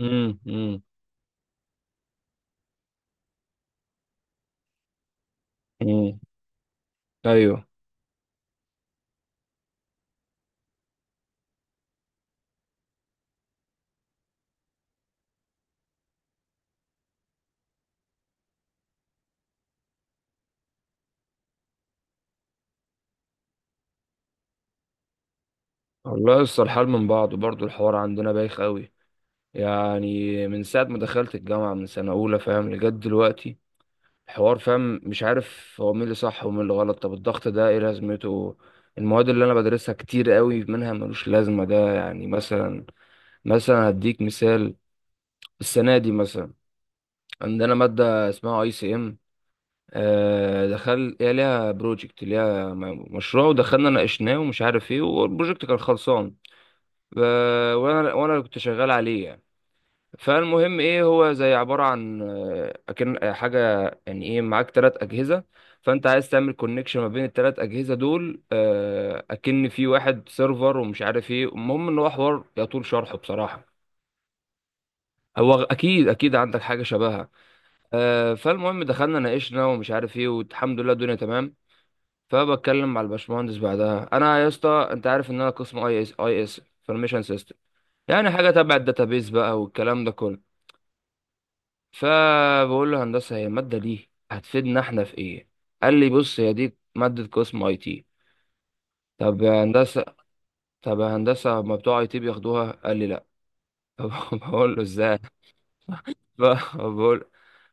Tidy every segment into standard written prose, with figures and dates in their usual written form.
امم امم امم، ايوه. والله لسه الحال من بعضه برضه، الحوار عندنا بايخ قوي. يعني من ساعه ما دخلت الجامعه من سنه اولى، فاهم، لجد دلوقتي الحوار، فاهم، مش عارف هو مين اللي صح ومين اللي غلط. طب الضغط ده ايه لازمته؟ المواد اللي انا بدرسها كتير قوي منها ملوش لازمه، ده يعني مثلا، مثلا هديك مثال. السنه دي مثلا عندنا ماده اسمها اي سي ام، دخل هي ليها بروجكت، ليها مشروع، ودخلنا ناقشناه ومش عارف ايه، والبروجكت كان خلصان. وانا كنت شغال عليه يعني. فالمهم ايه، هو زي عباره عن اكن حاجه. يعني ايه، معاك ثلاث اجهزه، فانت عايز تعمل كونكشن ما بين الثلاث اجهزه دول، اكن في واحد سيرفر ومش عارف ايه. المهم ان هو حوار يطول شرحه بصراحه. هو اكيد اكيد عندك حاجه شبهها. فالمهم دخلنا ناقشنا ومش عارف ايه، والحمد لله الدنيا تمام. فبتكلم مع الباشمهندس بعدها: انا يا اسطى، انت عارف ان انا قسم اي اس، اي اس انفورميشن سيستم، يعني حاجة تبع الداتابيز بقى والكلام ده كله. فبقول له: هندسة، هي المادة دي هتفيدنا احنا في ايه؟ قال لي: بص، هي دي مادة قسم اي تي. طب يا هندسة، طب يا هندسة، ما بتوع اي تي بياخدوها؟ قال لي: لا. طب، بقول له ازاي. فبقول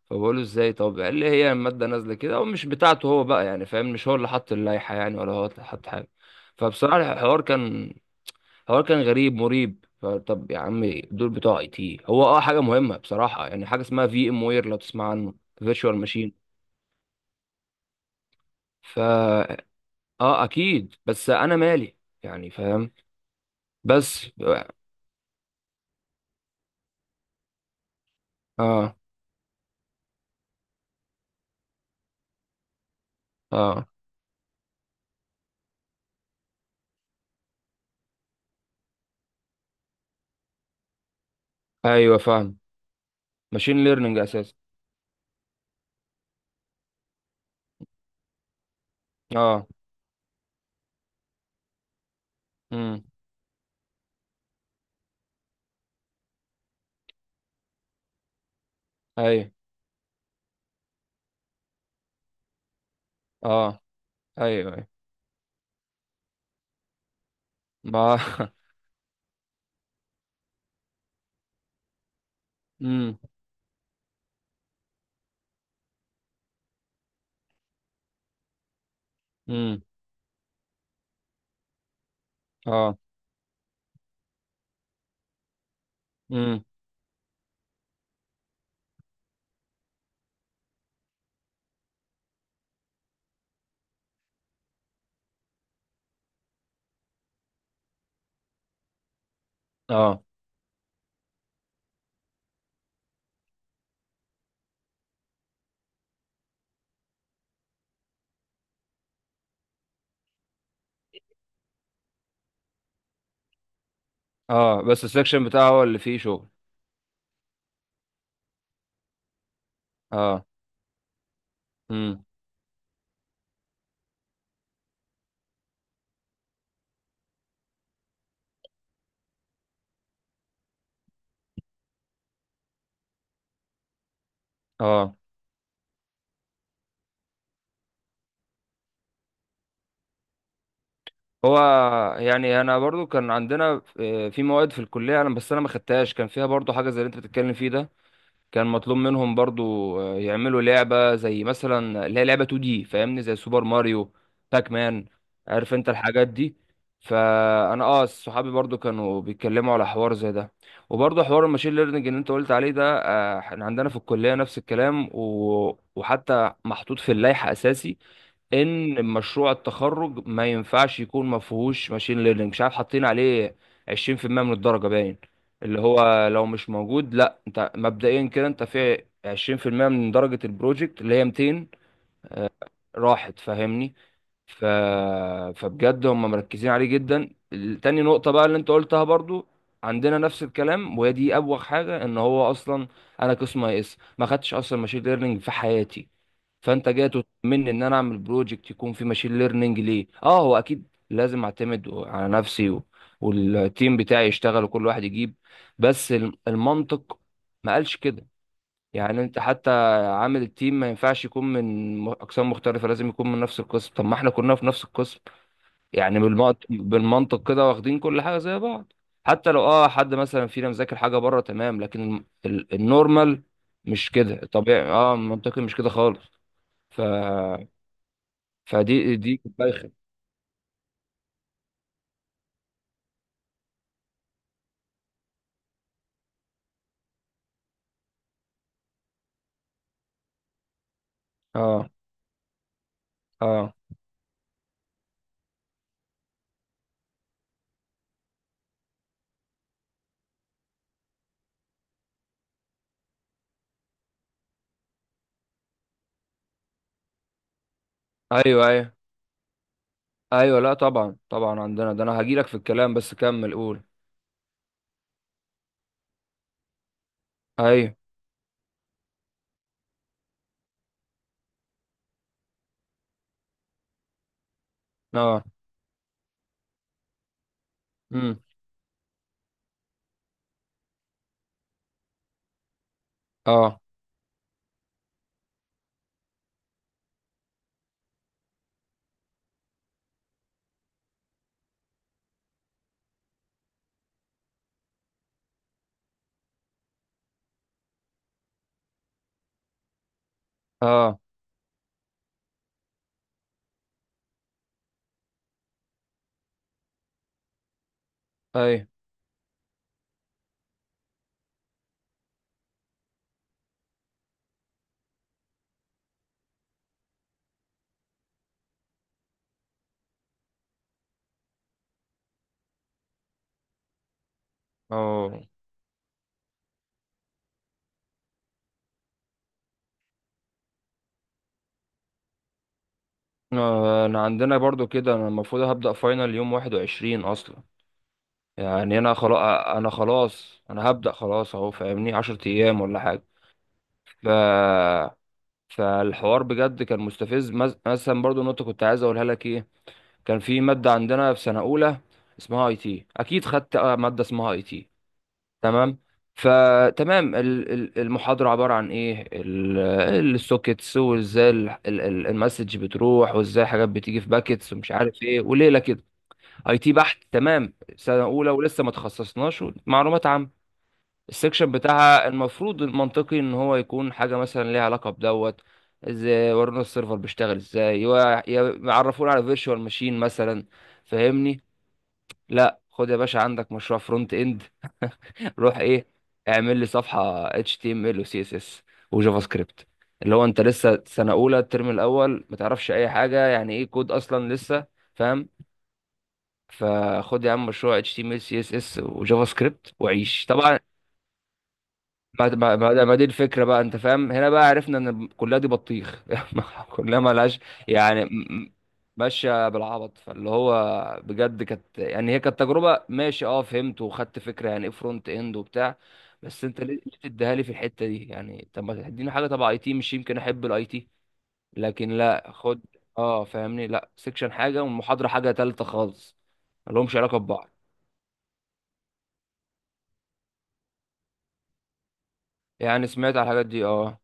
فبقول له ازاي، طب قال لي: هي المادة نازلة كده ومش بتاعته هو بقى، يعني فاهم، مش هو اللي حط اللائحة يعني، ولا هو اللي حط حاجة. فبصراحة الحوار كان الحوار كان غريب مريب. فطب يا عم، دول بتوع اي تي، هو اه حاجه مهمه بصراحه، يعني حاجه اسمها في ام وير، لو تسمع عنه، فيرتشوال ماشين. فا، اه اكيد، بس انا مالي، يعني فاهم، بس. اه اه ايوه فاهم، ماشين ليرنينج اساسا. اه. امم. ايوه. اه. ايوه، ايوه. ما امم امم اه، امم، اه، اه، بس السكشن بتاعه هو اللي فيه شغل. اه، امم، اه، هو، يعني انا برضو كان عندنا في مواد في الكليه، انا بس انا ما خدتهاش، كان فيها برضو حاجه زي اللي انت بتتكلم فيه ده. كان مطلوب منهم برضو يعملوا لعبه زي مثلا اللي هي لعبه 2 دي، فاهمني، زي سوبر ماريو، باك مان. عارف انت الحاجات دي. فانا اه صحابي برضو كانوا بيتكلموا على حوار زي ده. وبرضو حوار الماشين ليرنينج اللي انت قلت عليه ده، احنا عندنا في الكليه نفس الكلام، و... وحتى محطوط في اللائحه اساسي ان مشروع التخرج ما ينفعش يكون ما فيهوش ماشين ليرنينج، مش عارف حاطين عليه 20% من الدرجة باين. اللي هو لو مش موجود، لا انت مبدئيا كده انت في 20% من درجة البروجكت اللي هي 200، راحت فاهمني. ف... فبجد هم مركزين عليه جدا. تاني نقطة بقى اللي انت قلتها برضو عندنا نفس الكلام، وهي دي أبوغ حاجة، ان هو اصلا انا قسم اي اس ما خدتش اصلا ماشين ليرنينج في حياتي. فانت جاي تطمني ان انا اعمل بروجكت يكون فيه ماشين ليرنينج ليه؟ اه هو اكيد لازم اعتمد على نفسي و... والتيم بتاعي يشتغل وكل واحد يجيب. بس المنطق ما قالش كده. يعني انت حتى عامل التيم ما ينفعش يكون من اقسام مختلفه، لازم يكون من نفس القسم، طب ما احنا كلنا في نفس القسم. يعني بالمنطق، بالمنطق كده، واخدين كل حاجه زي بعض. حتى لو اه حد مثلا فينا مذاكر حاجه بره تمام، لكن النورمال مش كده، الطبيعي اه المنطقي مش كده خالص. ف، فدي كانت بايخه. اه، اه، ايوه ايوه ايوه، لا طبعا طبعا عندنا ده، انا هجيلك في الكلام بس كمل قول. ايوه، اه، امم، اه، اه، ايوه، اه، انا عندنا برضو كده، انا المفروض هبدأ فاينل يوم 21 اصلا. يعني انا خلاص، انا انا هبدأ خلاص اهو، فاهمني، 10 ايام ولا حاجة. ف، فالحوار بجد كان مستفز، مثلا برضو نقطة كنت عايز اقولها لك ايه. كان في مادة عندنا في سنة اولى اسمها اي تي، اكيد خدت مادة اسمها اي تي. تمام. فتمام، المحاضرة عبارة عن ايه، السوكيتس، وازاي المسج بتروح، وازاي حاجات بتيجي في باكيتس ومش عارف ايه وليلة كده. اي تي بحت، تمام، سنة اولى ولسه ما تخصصناش، معلومات عامة. السكشن بتاعها، المفروض المنطقي ان هو يكون حاجة مثلا ليها علاقة بدوت. ازاي ورونا السيرفر بيشتغل، ازاي يعرفونا على فيرتشوال ماشين مثلا، فاهمني؟ لا، خد يا باشا، عندك مشروع فرونت اند. روح ايه، اعمل لي صفحه اتش تي ام ال وسي اس اس وجافا سكريبت، اللي هو انت لسه سنه اولى الترم الاول ما تعرفش اي حاجه، يعني ايه كود اصلا لسه، فاهم. فخد يا عم مشروع اتش تي ام ال سي اس اس وجافا سكريبت وعيش طبعا. ما، دي الفكره بقى، انت فاهم، هنا بقى عرفنا ان الكليه دي بطيخ. كلها ملهاش. يعني ماشيه بالعبط، فاللي هو، بجد كانت يعني، هي كانت تجربه ماشي، اه فهمت وخدت فكره يعني ايه فرونت اند وبتاع. بس انت ليه، ليه تديها لي في الحته دي يعني؟ طب ما تديني حاجه تبع اي تي، مش يمكن احب الاي تي؟ لكن لا، خد. اه، فاهمني، لا، سيكشن حاجه والمحاضره حاجه تالته خالص، ملهمش علاقه ببعض. يعني سمعت على الحاجات دي، اه.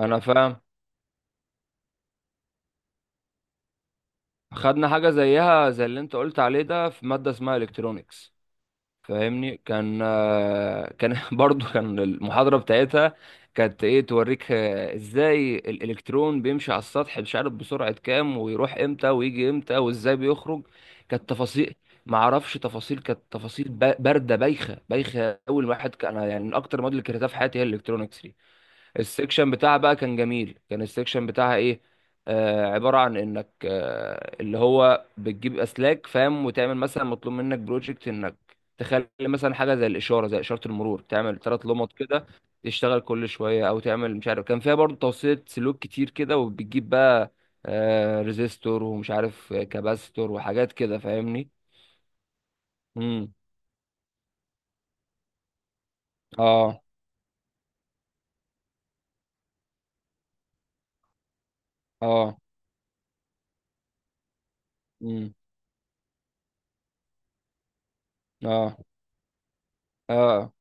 انا فاهم، خدنا حاجة زيها زي اللي انت قلت عليه ده في مادة اسمها الكترونيكس. فاهمني، كان برضو، كان المحاضرة بتاعتها كانت ايه، توريك، ازاي الالكترون بيمشي على السطح مش عارف بسرعة كام، ويروح امتى ويجي امتى وازاي بيخرج. كانت تفاصيل، ما اعرفش تفاصيل، كانت تفاصيل باردة بايخة، اول واحد كان أنا، يعني من اكتر المواد اللي كرهتها في حياتي هي الالكترونيكس. السكشن بتاعها بقى كان جميل، كان السكشن بتاعها ايه، آه، عبارة عن انك آه اللي هو بتجيب اسلاك فاهم، وتعمل مثلا مطلوب منك بروجكت انك تخلي مثلا حاجة زي الإشارة، زي إشارة المرور، تعمل ثلاث لمط كده تشتغل كل شوية. أو تعمل مش عارف، كان فيها برضه توصيلة سلوك كتير كده، وبتجيب بقى آه ريزيستور ومش عارف، كباستور وحاجات كده، فاهمني. امم، اه، اه، امم، اه، اه،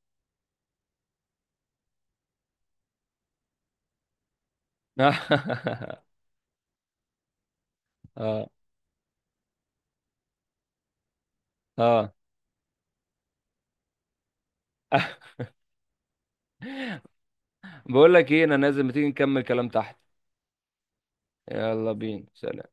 اه، اه، بقول لك ايه، انا نازل، ما تيجي نكمل كلام تحت؟ يلا بينا، سلام.